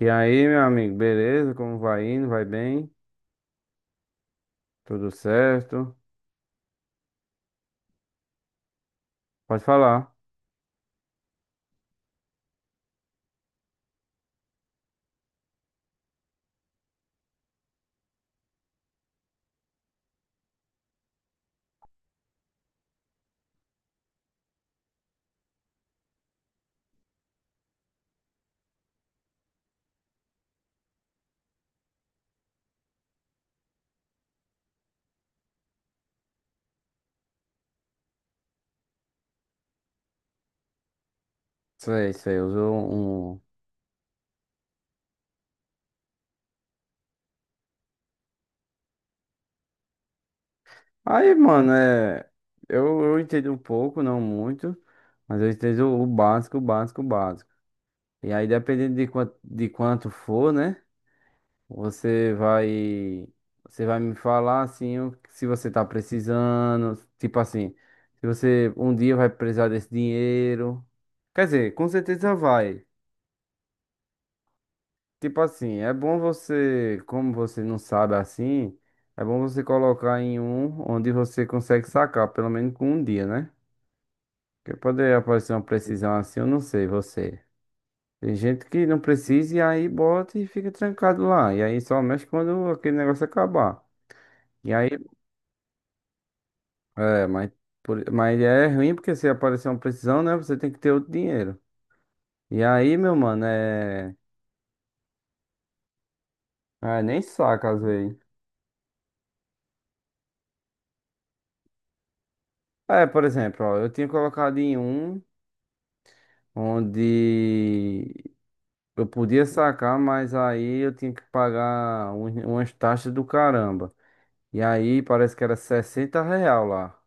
E aí, meu amigo, beleza? Como vai indo? Vai bem? Tudo certo? Pode falar. Sei, sei, usou um. Aí, mano, é. Eu entendo um pouco, não muito, mas eu entendo o básico, o básico, o básico. E aí, dependendo de quanto for, né? Você vai. Você vai me falar, assim, se você tá precisando. Tipo assim, se você um dia vai precisar desse dinheiro. Quer dizer, com certeza vai. Tipo assim, é bom você, como você não sabe assim, é bom você colocar em um onde você consegue sacar, pelo menos com um dia, né? Porque poderia aparecer uma precisão assim, eu não sei, você. Tem gente que não precisa e aí bota e fica trancado lá. E aí só mexe quando aquele negócio acabar. E aí, é, mas, mas é ruim porque se aparecer uma precisão, né? Você tem que ter outro dinheiro. E aí, meu mano, é. Ah, nem saca às vezes. É, por exemplo, ó, eu tinha colocado em um onde eu podia sacar, mas aí eu tinha que pagar umas taxas do caramba. E aí parece que era 60 real lá,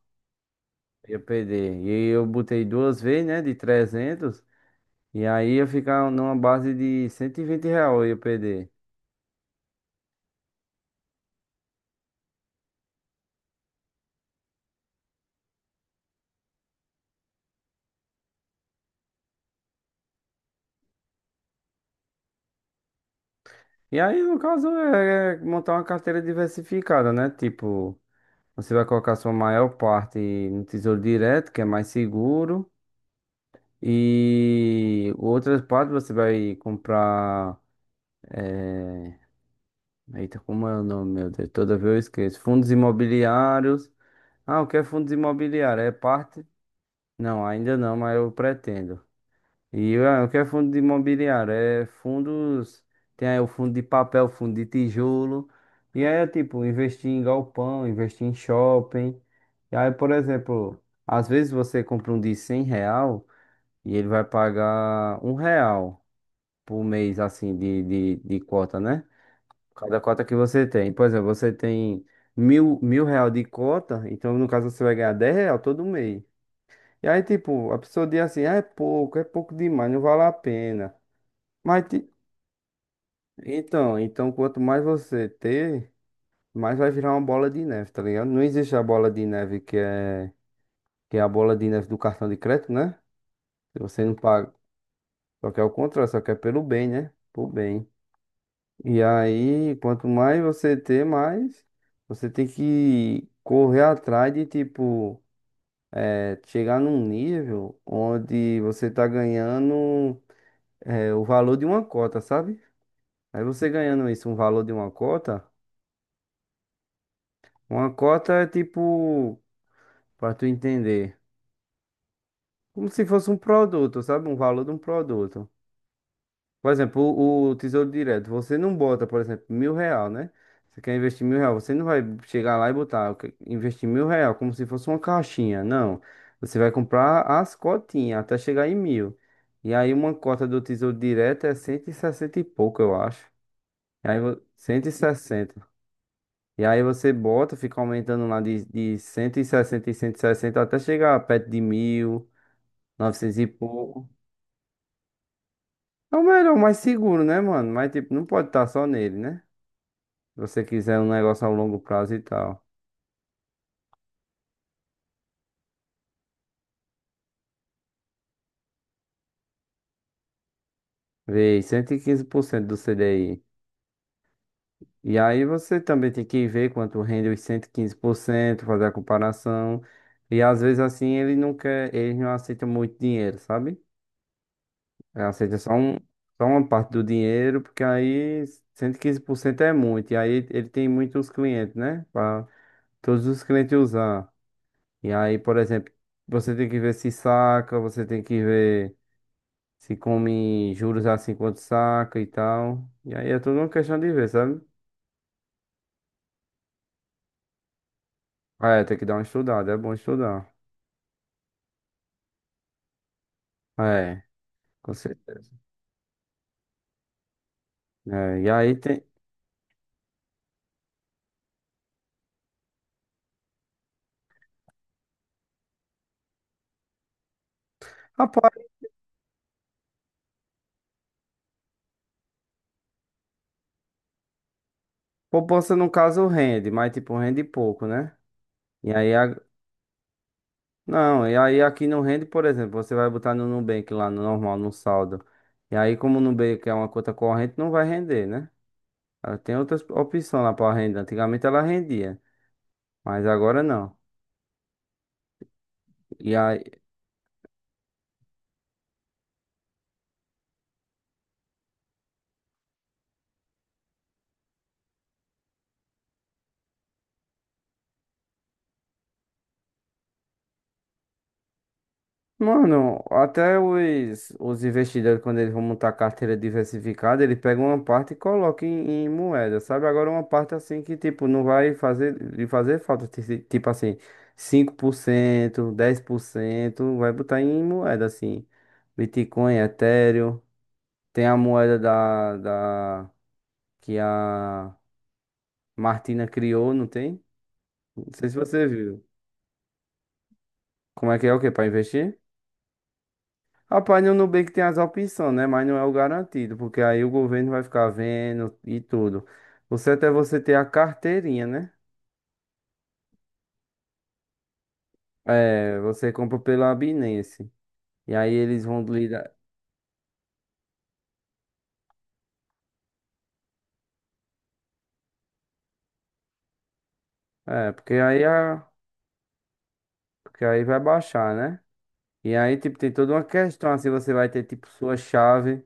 eu perder. E aí eu botei duas vezes, né, de 300. E aí eu ficar numa base de 120 real, eu ia perder. E aí, no caso, é montar uma carteira diversificada, né? Tipo, você vai colocar sua maior parte no Tesouro Direto, que é mais seguro, e outras partes você vai comprar. Eita, como é o nome, meu Deus? Toda vez eu esqueço. Fundos imobiliários. Ah, o que é fundos imobiliários? É parte? Não, ainda não, mas eu pretendo. E ah, o que é fundo de imobiliário? É fundos. Tem aí o fundo de papel, fundo de tijolo. E aí é tipo, investir em galpão, investir em shopping. E aí, por exemplo, às vezes você compra um de 100 real e ele vai pagar um real por mês, assim, de, cota, né? Cada cota que você tem. Por exemplo, você tem mil real de cota, então no caso você vai ganhar 10 real todo mês. E aí, tipo, a pessoa diz assim, ah, é pouco demais, não vale a pena. Mas, então, quanto mais você ter, mais vai virar uma bola de neve, tá ligado? Não existe a bola de neve que é a bola de neve do cartão de crédito, né? Se você não paga, só que é o contrário, só que é pelo bem, né? Por bem. E aí, quanto mais você ter, mais você tem que correr atrás de, tipo, chegar num nível onde você tá ganhando, o valor de uma cota, sabe? Aí você ganhando isso, um valor de uma cota é tipo, pra tu entender, como se fosse um produto, sabe? Um valor de um produto. Por exemplo, o Tesouro Direto, você não bota, por exemplo, mil real, né? Você quer investir mil real, você não vai chegar lá e botar, investir mil real como se fosse uma caixinha, não. Você vai comprar as cotinhas até chegar em mil. E aí uma cota do Tesouro Direto é cento e sessenta e pouco, eu acho. E aí, 160 e sessenta. E aí você bota, fica aumentando lá de 160 e sessenta e cento e sessenta até chegar perto de mil, 900 e pouco. É o melhor, o mais seguro, né, mano? Mas, tipo, não pode estar só nele, né? Se você quiser um negócio a longo prazo e tal. Vê, 115% do CDI. E aí você também tem que ver quanto rende os 115%, fazer a comparação. E às vezes assim ele não quer, eles não aceitam muito dinheiro, sabe? Ele aceita só uma parte do dinheiro, porque aí 115% é muito. E aí ele tem muitos clientes, né? Para todos os clientes usar. E aí, por exemplo, você tem que ver se saca, você tem que ver se come juros assim quando saca e tal. E aí é tudo uma questão de ver, sabe? Ah, é, tem que dar uma estudada, é bom estudar. É, com certeza. É, e aí tem. Rapaz, poupança no caso rende, mas tipo, rende pouco, né? E aí. Não, e aí aqui no rende, por exemplo, você vai botar no Nubank lá no normal, no saldo. E aí, como o Nubank é uma conta corrente, não vai render, né? Ela tem outras opções lá para renda. Antigamente ela rendia, mas agora não. E aí. Mano, até os, investidores, quando eles vão montar carteira diversificada, eles pegam uma parte e colocam em moeda, sabe? Agora uma parte assim que, tipo, não vai fazer, lhe fazer falta, tipo assim, 5% 10%, vai botar em moeda, assim, Bitcoin, Ethereum, tem a moeda que a Martina criou, não tem? Não sei se você viu. Como é que é o que para investir? Rapaz, no Nubank tem as opções, né? Mas não é o garantido, porque aí o governo vai ficar vendo e tudo. O certo é você ter a carteirinha, né? É, você compra pela Binance. E aí eles vão lidar. É, porque aí. Porque aí vai baixar, né? E aí, tipo, tem toda uma questão assim, você vai ter, tipo, sua chave,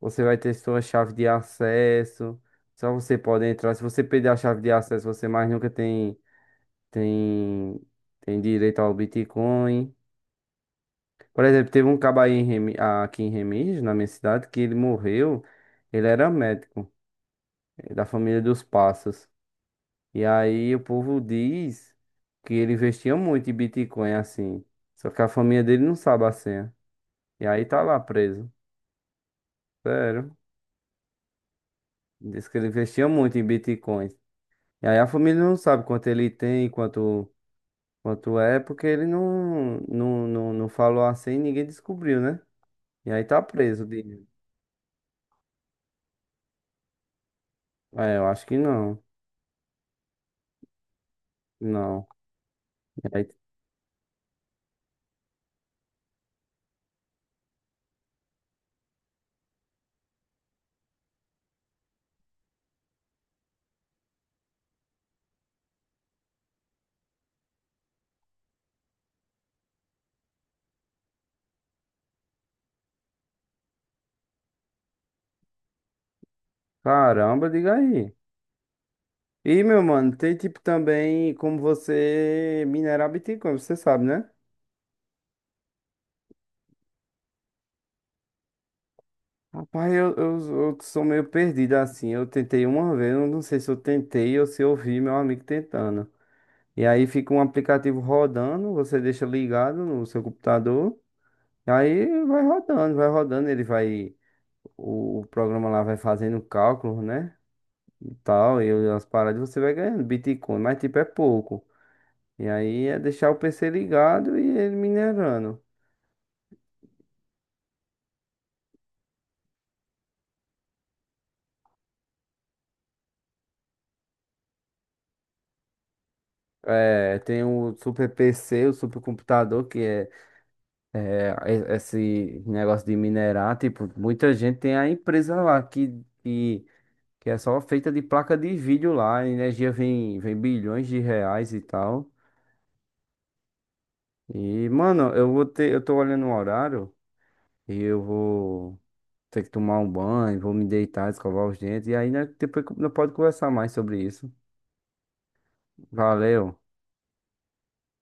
você vai ter sua chave de acesso. Só você pode entrar. Se você perder a chave de acesso, você mais nunca tem, tem direito ao Bitcoin. Por exemplo, teve um cabo aí em aqui em Remígio, na minha cidade, que ele morreu. Ele era médico, da família dos Passos. E aí o povo diz que ele investia muito em Bitcoin, assim. Só que a família dele não sabe a senha. E aí tá lá preso. Sério. Diz que ele investia muito em Bitcoin. E aí a família não sabe quanto ele tem, quanto é, porque ele não falou a senha e ninguém descobriu, né? E aí tá preso. É, eu acho que não. Não. Caramba, diga aí. E, meu mano, tem tipo também como você minerar Bitcoin, você sabe, né? Rapaz, eu sou meio perdido assim. Eu tentei uma vez, eu não sei se eu tentei ou se eu vi meu amigo tentando. E aí fica um aplicativo rodando, você deixa ligado no seu computador, aí vai rodando, ele vai. o, programa lá vai fazendo cálculos, né? E tal, e as paradas você vai ganhando Bitcoin, mas tipo é pouco. E aí é deixar o PC ligado e ele minerando. É, tem o super PC, o super computador, que é esse negócio de minerar. Tipo, muita gente tem a empresa lá que, é só feita de placa de vídeo lá. A energia vem bilhões de reais e tal. E, mano, eu tô olhando o horário e eu vou ter que tomar um banho, vou me deitar, escovar os dentes. E aí, né, depois não pode conversar mais sobre isso. Valeu.